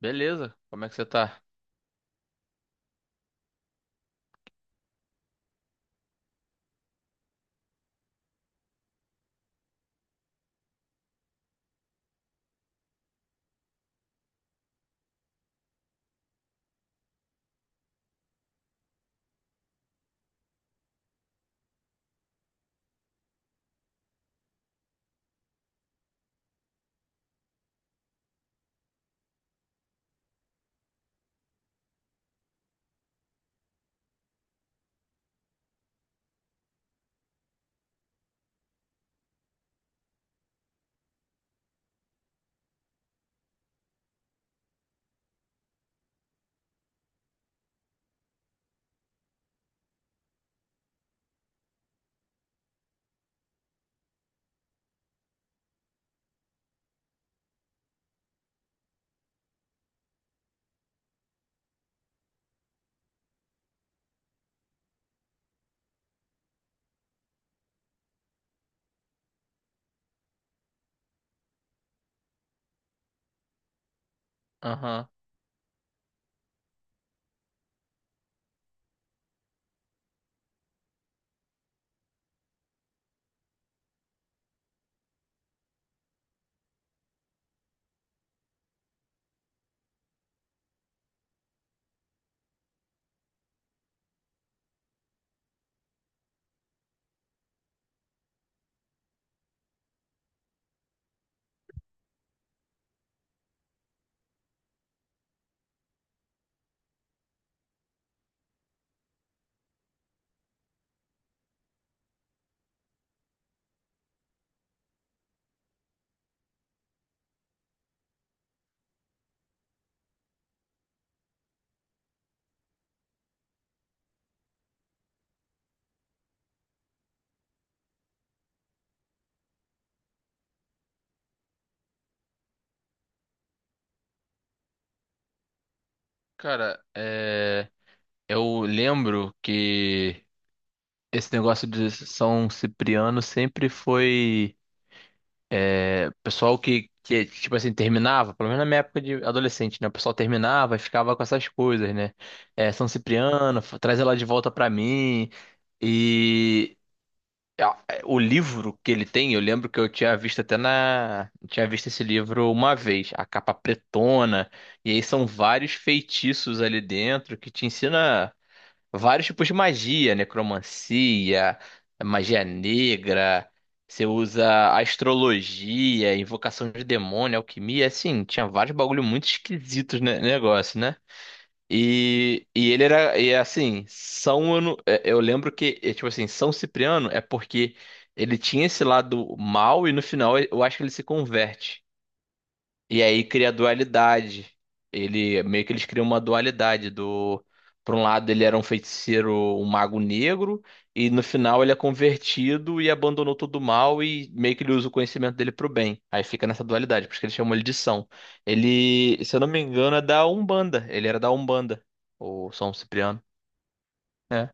Beleza, como é que você tá? Aham. Cara, eu lembro que esse negócio de São Cipriano sempre foi pessoal que tipo assim, terminava, pelo menos na minha época de adolescente, né? O pessoal terminava e ficava com essas coisas, né? É, São Cipriano, traz ela de volta pra mim. E a- o livro que ele tem, eu lembro que eu tinha visto até na. Eu tinha visto esse livro uma vez, a capa pretona, e aí são vários feitiços ali dentro que te ensina vários tipos de magia, necromancia, magia negra, você usa astrologia, invocação de demônio, alquimia, assim, tinha vários bagulho muito esquisitos no negócio, né? E ele era, e é assim, São, eu, não- é, eu lembro que, é, tipo assim, São Cipriano é porque ele tinha esse lado mal e no final eu acho que ele se converte. E aí cria a dualidade. Ele meio que eles criam uma dualidade do por um lado ele era um feiticeiro, um mago negro, e no final ele é convertido e abandonou todo o mal e meio que ele usa o conhecimento dele pro bem. Aí fica nessa dualidade, por isso que eles chamam ele de São. Ele, se eu não me engano, é da Umbanda. Ele era da Umbanda, o São Cipriano. É.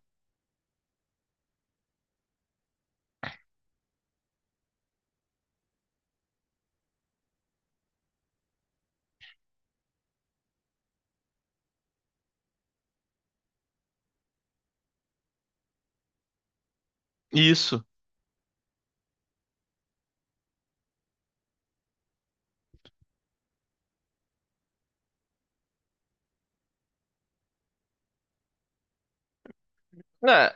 Isso. Né,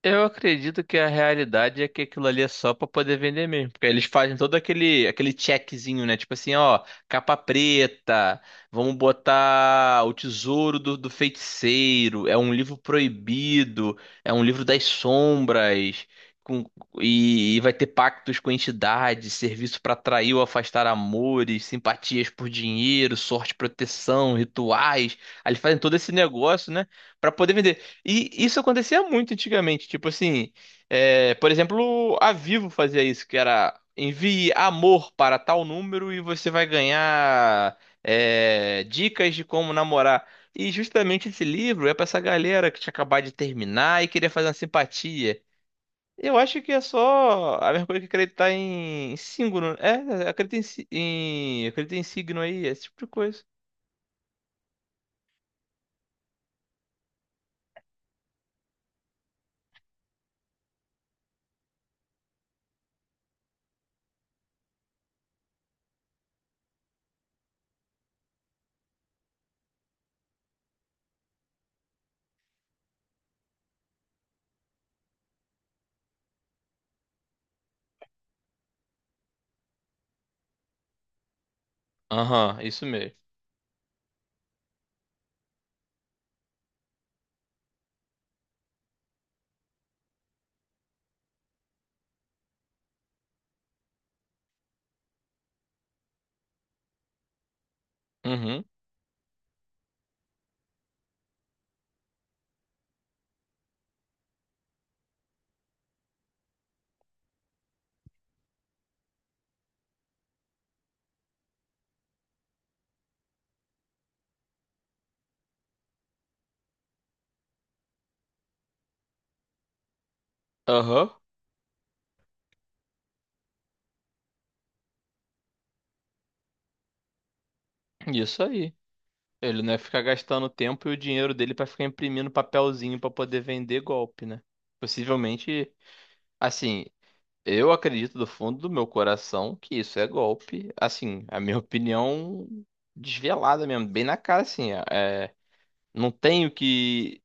eu acredito que a realidade é que aquilo ali é só pra poder vender mesmo, porque eles fazem todo aquele checkzinho, né? Tipo assim, ó, capa preta, vamos botar o Tesouro do Feiticeiro, é um livro proibido, é um livro das sombras, com- e vai ter pactos com entidades, serviço pra atrair ou afastar amores, simpatias por dinheiro, sorte, proteção, rituais. Aí eles fazem todo esse negócio, né? Pra poder vender. E isso acontecia muito antigamente, tipo assim, é, por exemplo, a Vivo fazia isso, que era envie amor para tal número e você vai ganhar é, dicas de como namorar. E justamente esse livro é para essa galera que tinha acabado de terminar e queria fazer uma simpatia. Eu acho que é só a mesma coisa que acreditar em signo, acredita em signo aí, esse tipo de coisa. Aham, isso mesmo. Uhum, aham, isso aí. Ele não ia ficar gastando o tempo e o dinheiro dele pra ficar imprimindo papelzinho pra poder vender golpe, né? Possivelmente, assim, eu acredito do fundo do meu coração que isso é golpe. Assim, a minha opinião desvelada mesmo, bem na cara, assim, é, não tenho que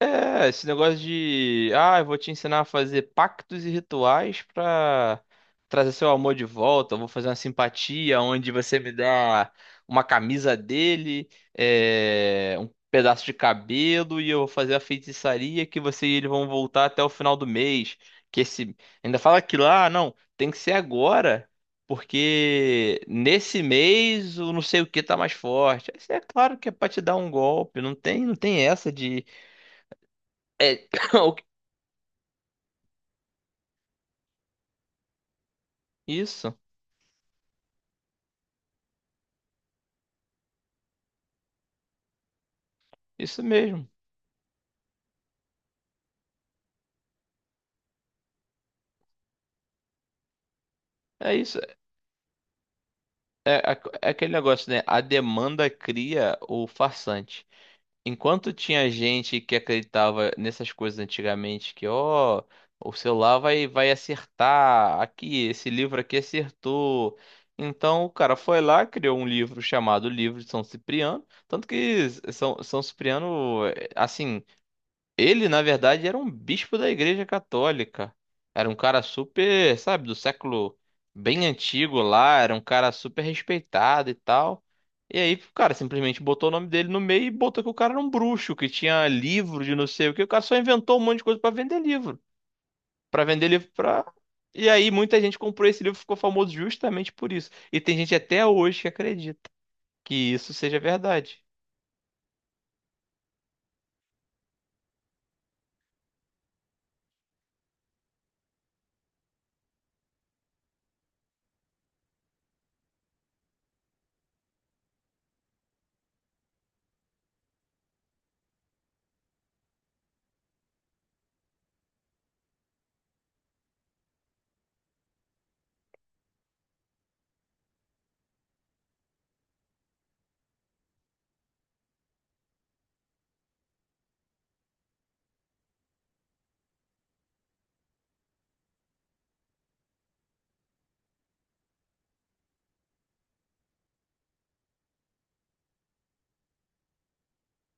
é, esse negócio de, ah, eu vou te ensinar a fazer pactos e rituais pra trazer seu amor de volta. Eu vou fazer uma simpatia onde você me dá uma camisa dele, é, um pedaço de cabelo e eu vou fazer a feitiçaria que você e ele vão voltar até o final do mês. Que esse ainda fala que lá, não, tem que ser agora, porque nesse mês o não sei o que tá mais forte. Isso é claro que é pra te dar um golpe, não tem, não tem essa de é, isso, isso mesmo. É isso. É, é aquele negócio, né? A demanda cria o farsante. Enquanto tinha gente que acreditava nessas coisas antigamente, que, ó, o celular vai acertar, aqui, esse livro aqui acertou. Então o cara foi lá, criou um livro chamado Livro de São Cipriano. Tanto que São Cipriano, é, assim. Ele, na verdade, era um bispo da Igreja Católica. Era um cara super, sabe, do século bem antigo lá, era um cara super respeitado e tal. E aí, o cara simplesmente botou o nome dele no meio e botou que o cara era um bruxo, que tinha livro de não sei o que. O cara só inventou um monte de coisa pra vender livro, pra vender livro pra. E aí, muita gente comprou esse livro, e ficou famoso justamente por isso. E tem gente até hoje que acredita que isso seja verdade.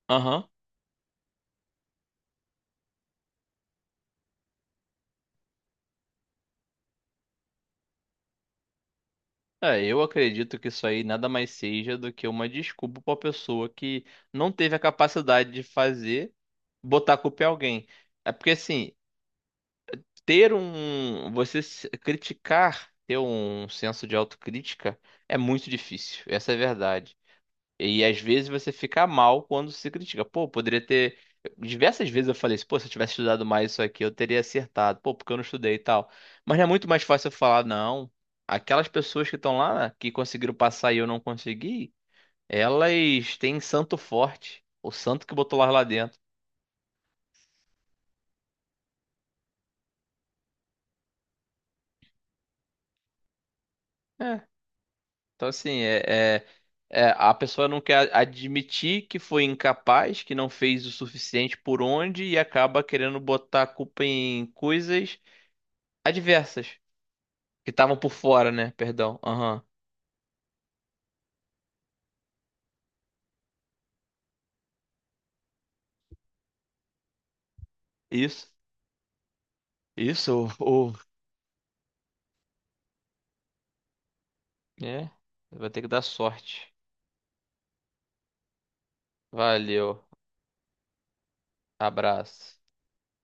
Aham. É, eu acredito que isso aí nada mais seja do que uma desculpa para pessoa que não teve a capacidade de fazer, botar a culpa em alguém. É porque assim, ter um, você se- criticar, ter um senso de autocrítica é muito difícil. Essa é a verdade. E às vezes você fica mal quando se critica. Pô, poderia ter. Diversas vezes eu falei assim, pô, se eu tivesse estudado mais isso aqui, eu teria acertado. Pô, porque eu não estudei e tal. Mas não é muito mais fácil eu falar, não. Aquelas pessoas que estão lá, que conseguiram passar e eu não consegui, elas têm santo forte. O santo que botou lá dentro. É. Então, assim, é- é, a pessoa não quer admitir que foi incapaz, que não fez o suficiente por onde e acaba querendo botar a culpa em coisas adversas. Que estavam por fora, né? Perdão. Aham. Isso. Isso. É. Vai ter que dar sorte. Valeu. Abraço.